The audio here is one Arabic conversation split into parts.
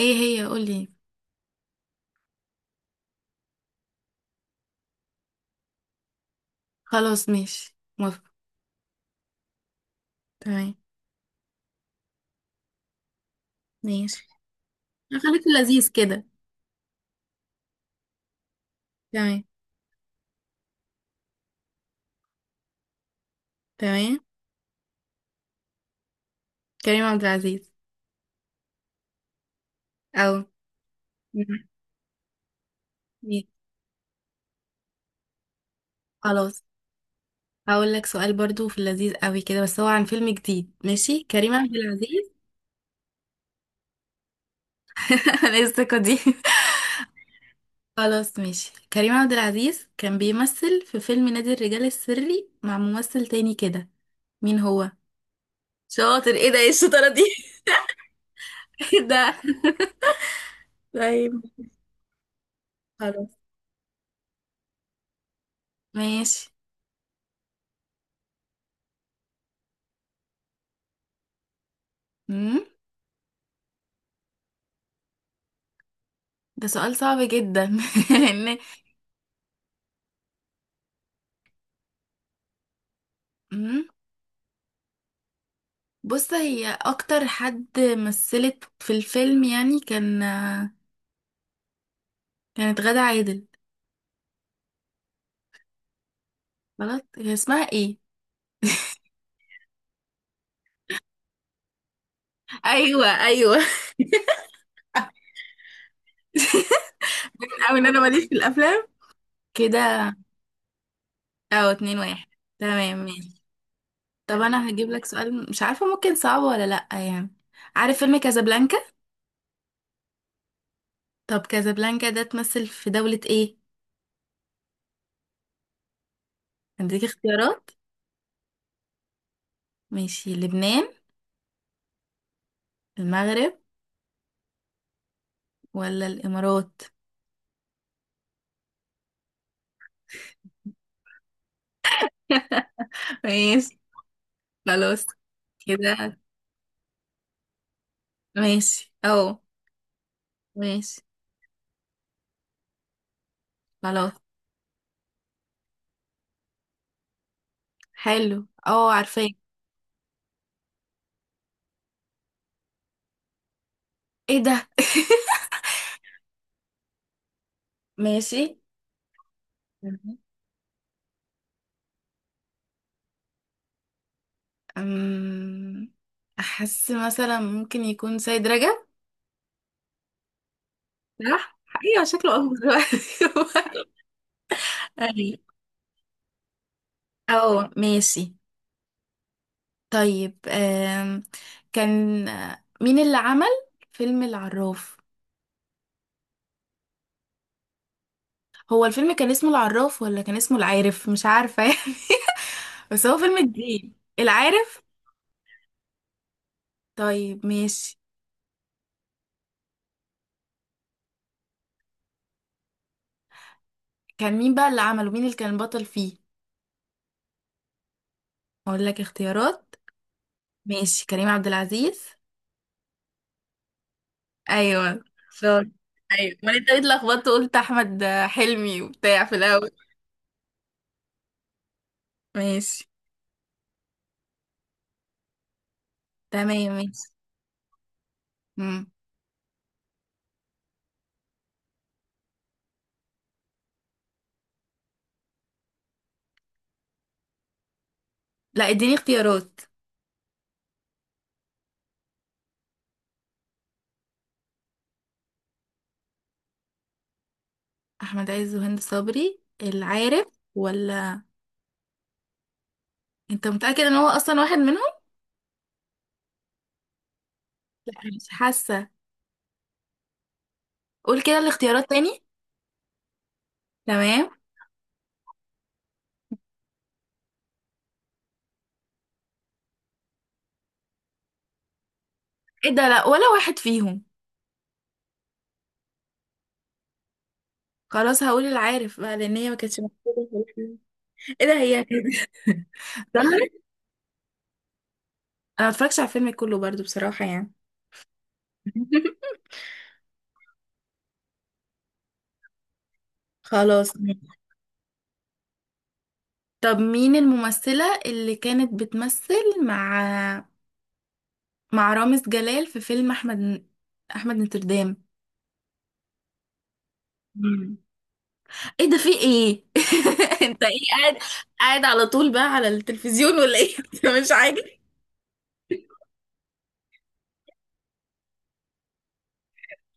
ايه هي؟ قولي. خلاص، ماشي، موافقة. تمام ماشي. خليك في اللذيذ كده. تمام. تمام، كريم عبد العزيز. او. مم. ماشي. خلاص، هقول لك سؤال برضو في اللذيذ قوي كده، بس هو عن فيلم جديد. ماشي كريم عبد العزيز. انا الثقة دي. خلاص ماشي. كريم عبد العزيز كان بيمثل في فيلم نادي الرجال السري مع ممثل تاني كده. مين هو؟ شاطر. ايه ده؟ ايه الشطارة دي؟ ده طيب خلاص ماشي. مم. ده سؤال صعب جدا. لان. مم. بص، هي اكتر حد مثلت في الفيلم يعني، كان، كانت غادة عادل. غلط. هي اسمها ايه؟ ايوه، ايوه. او، ان انا ماليش في الافلام كده. او، اتنين واحد. تمام ماشي. طب انا هجيب لك سؤال، مش عارفه ممكن صعب ولا لا يعني. عارف فيلم كازابلانكا؟ طب كازابلانكا ده تمثل في دولة ايه؟ هديك اختيارات. ماشي، لبنان، المغرب، ولا الامارات؟ ماشي. خلاص كده. ماشي اه. ماشي خلاص. حلو، اه عارفاه. ايه ده؟ ماشي. مهم. أم... احس مثلا ممكن يكون سيد رجب. صح. ايوه شكله اكبر دلوقتي. أيوة. اه ماشي. طيب كان مين اللي عمل فيلم العراف؟ هو الفيلم كان اسمه العراف ولا كان اسمه العارف، مش عارفة يعني. بس هو فيلم جديد. العارف. طيب ماشي. كان مين بقى اللي عمله؟ مين اللي كان بطل فيه؟ اقول لك اختيارات. ماشي، كريم عبد العزيز. ايوه شاطر. ايوه ما انت ليه اتلخبطت وقلت احمد حلمي وبتاع في الاول؟ ماشي. تمام ماشي. مم. لا اديني اختيارات. احمد عز وهند صبري، العارف ولا؟ انت متأكد ان هو اصلا واحد منهم؟ لا مش حاسه. قول كده الاختيارات تاني. تمام. ايه ده؟ لا ولا واحد فيهم. خلاص هقول العارف بقى، لان هي ما كانتش موجوده في الفيلم. ايه ده؟ هي ظهرت؟ انا متفرجتش على الفيلم كله برضو بصراحة يعني. خلاص ماشي. طب مين الممثلة اللي كانت بتمثل مع رامز جلال في فيلم احمد نوتردام؟ مم. ايه ده، في ايه؟ انت ايه قاعد قاعد على طول بقى على التلفزيون ولا ايه؟ انت مش عاجب.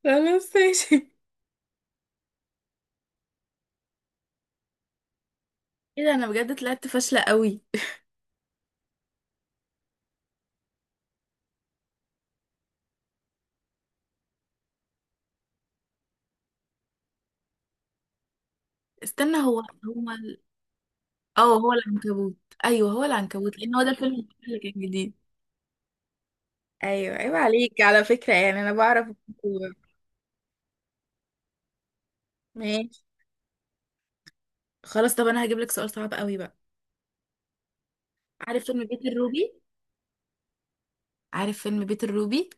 خلاص ماشي. ايه ده، انا بجد طلعت فاشلة قوي. استنى، اه هو العنكبوت. ايوه هو العنكبوت، لان هو ده الفيلم اللي كان جديد. ايوه ايوه، عليك على فكرة يعني، انا بعرف الكورة. ماشي. خلاص طب انا هجيب لك سؤال صعب قوي بقى. عارف فيلم بيت الروبي؟ عارف فيلم بيت الروبي؟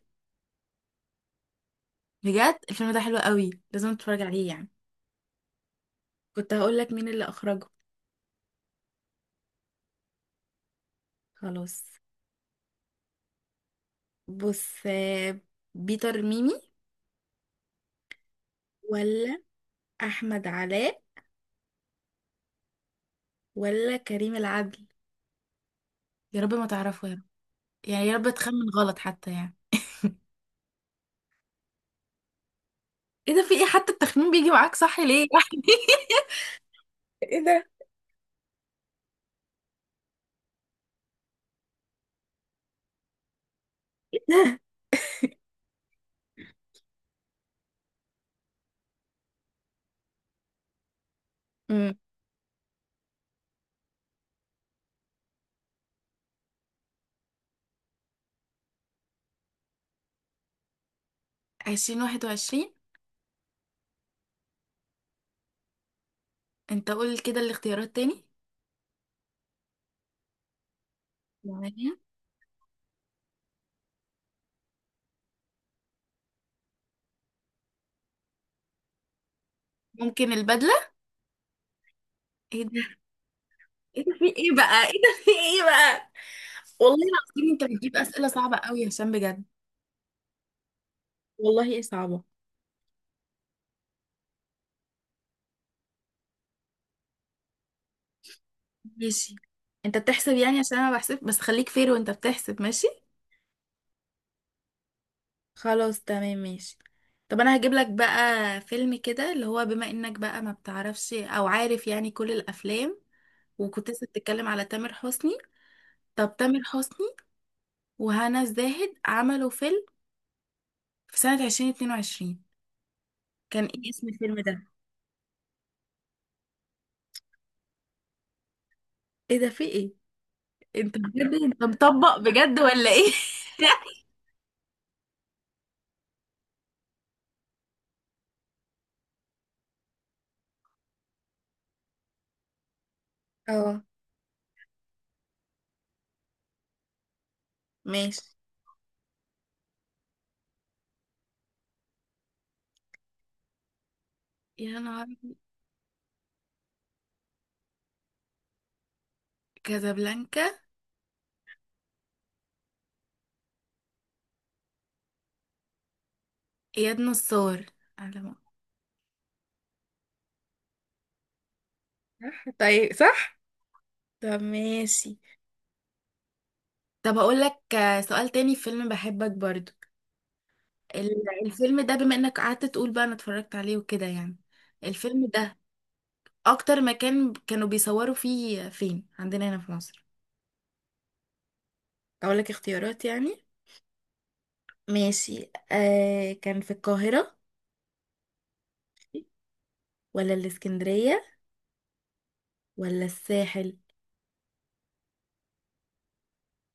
بجد الفيلم ده حلو قوي، لازم تتفرج عليه يعني. كنت هقول لك مين اللي اخرجه. خلاص بص، بيتر ميمي، ولا احمد علاء، ولا كريم العدل؟ يا رب ما تعرفه يا رب، يعني يا رب تخمن غلط حتى يعني. ايه ده، في ايه؟ حتى التخمين بيجي معاك صح ليه يعني؟ ايه ده. امم. 2021؟ انت قول كده الاختيارات تاني. معايا. ممكن البدلة. ايه ده؟ ايه ده في ايه بقى؟ ايه ده في ايه بقى؟ والله العظيم انت بتجيب اسئلة صعبة قوي يا هشام بجد. والله ايه، صعبة. ماشي. انت بتحسب يعني؟ عشان انا بحسب، بس خليك فير وانت بتحسب. ماشي. خلاص تمام ماشي. طب انا هجيب لك بقى فيلم كده اللي هو، بما انك بقى ما بتعرفش او عارف يعني كل الافلام، وكنت لسه بتتكلم على تامر حسني. طب تامر حسني وهنا الزاهد عملوا فيلم في سنة 2022، كان ايه اسم الفيلم ده؟ ايه ده في ايه؟ انت بجد انت مطبق بجد ولا ايه؟ اه ماشي. يا نهار. كازابلانكا. اياد نصار. على ما- صح طيب صح. طب ماشي. طب اقول لك سؤال تاني في فيلم بحبك برضو. الفيلم ده، بما انك قعدت تقول بقى انا اتفرجت عليه وكده يعني، الفيلم ده اكتر مكان كانوا بيصوروا فيه فين عندنا هنا في مصر؟ اقول لك اختيارات يعني. ماشي، آه كان في القاهرة، ولا الإسكندرية، ولا الساحل؟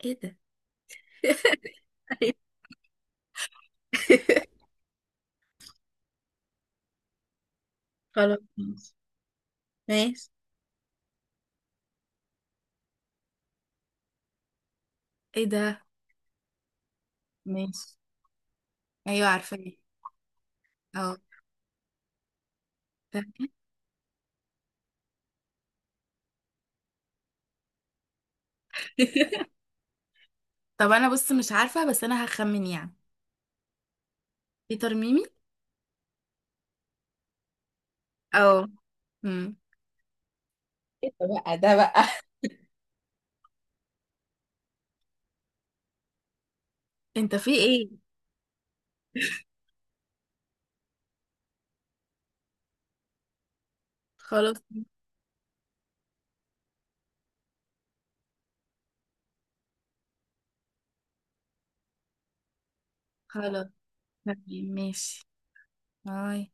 ايه ده. أيوة. خلاص ماشي. ماشي. ايه ده. ماشي. ايوه عارفة. اه فاهمة. طب انا بص، مش عارفة بس انا هخمن يعني. بيتر ميمي. اه. امم. ايه ده بقى، ده بقى. انت في ايه؟ خلاص. خلاص تمام، ماشي. باي.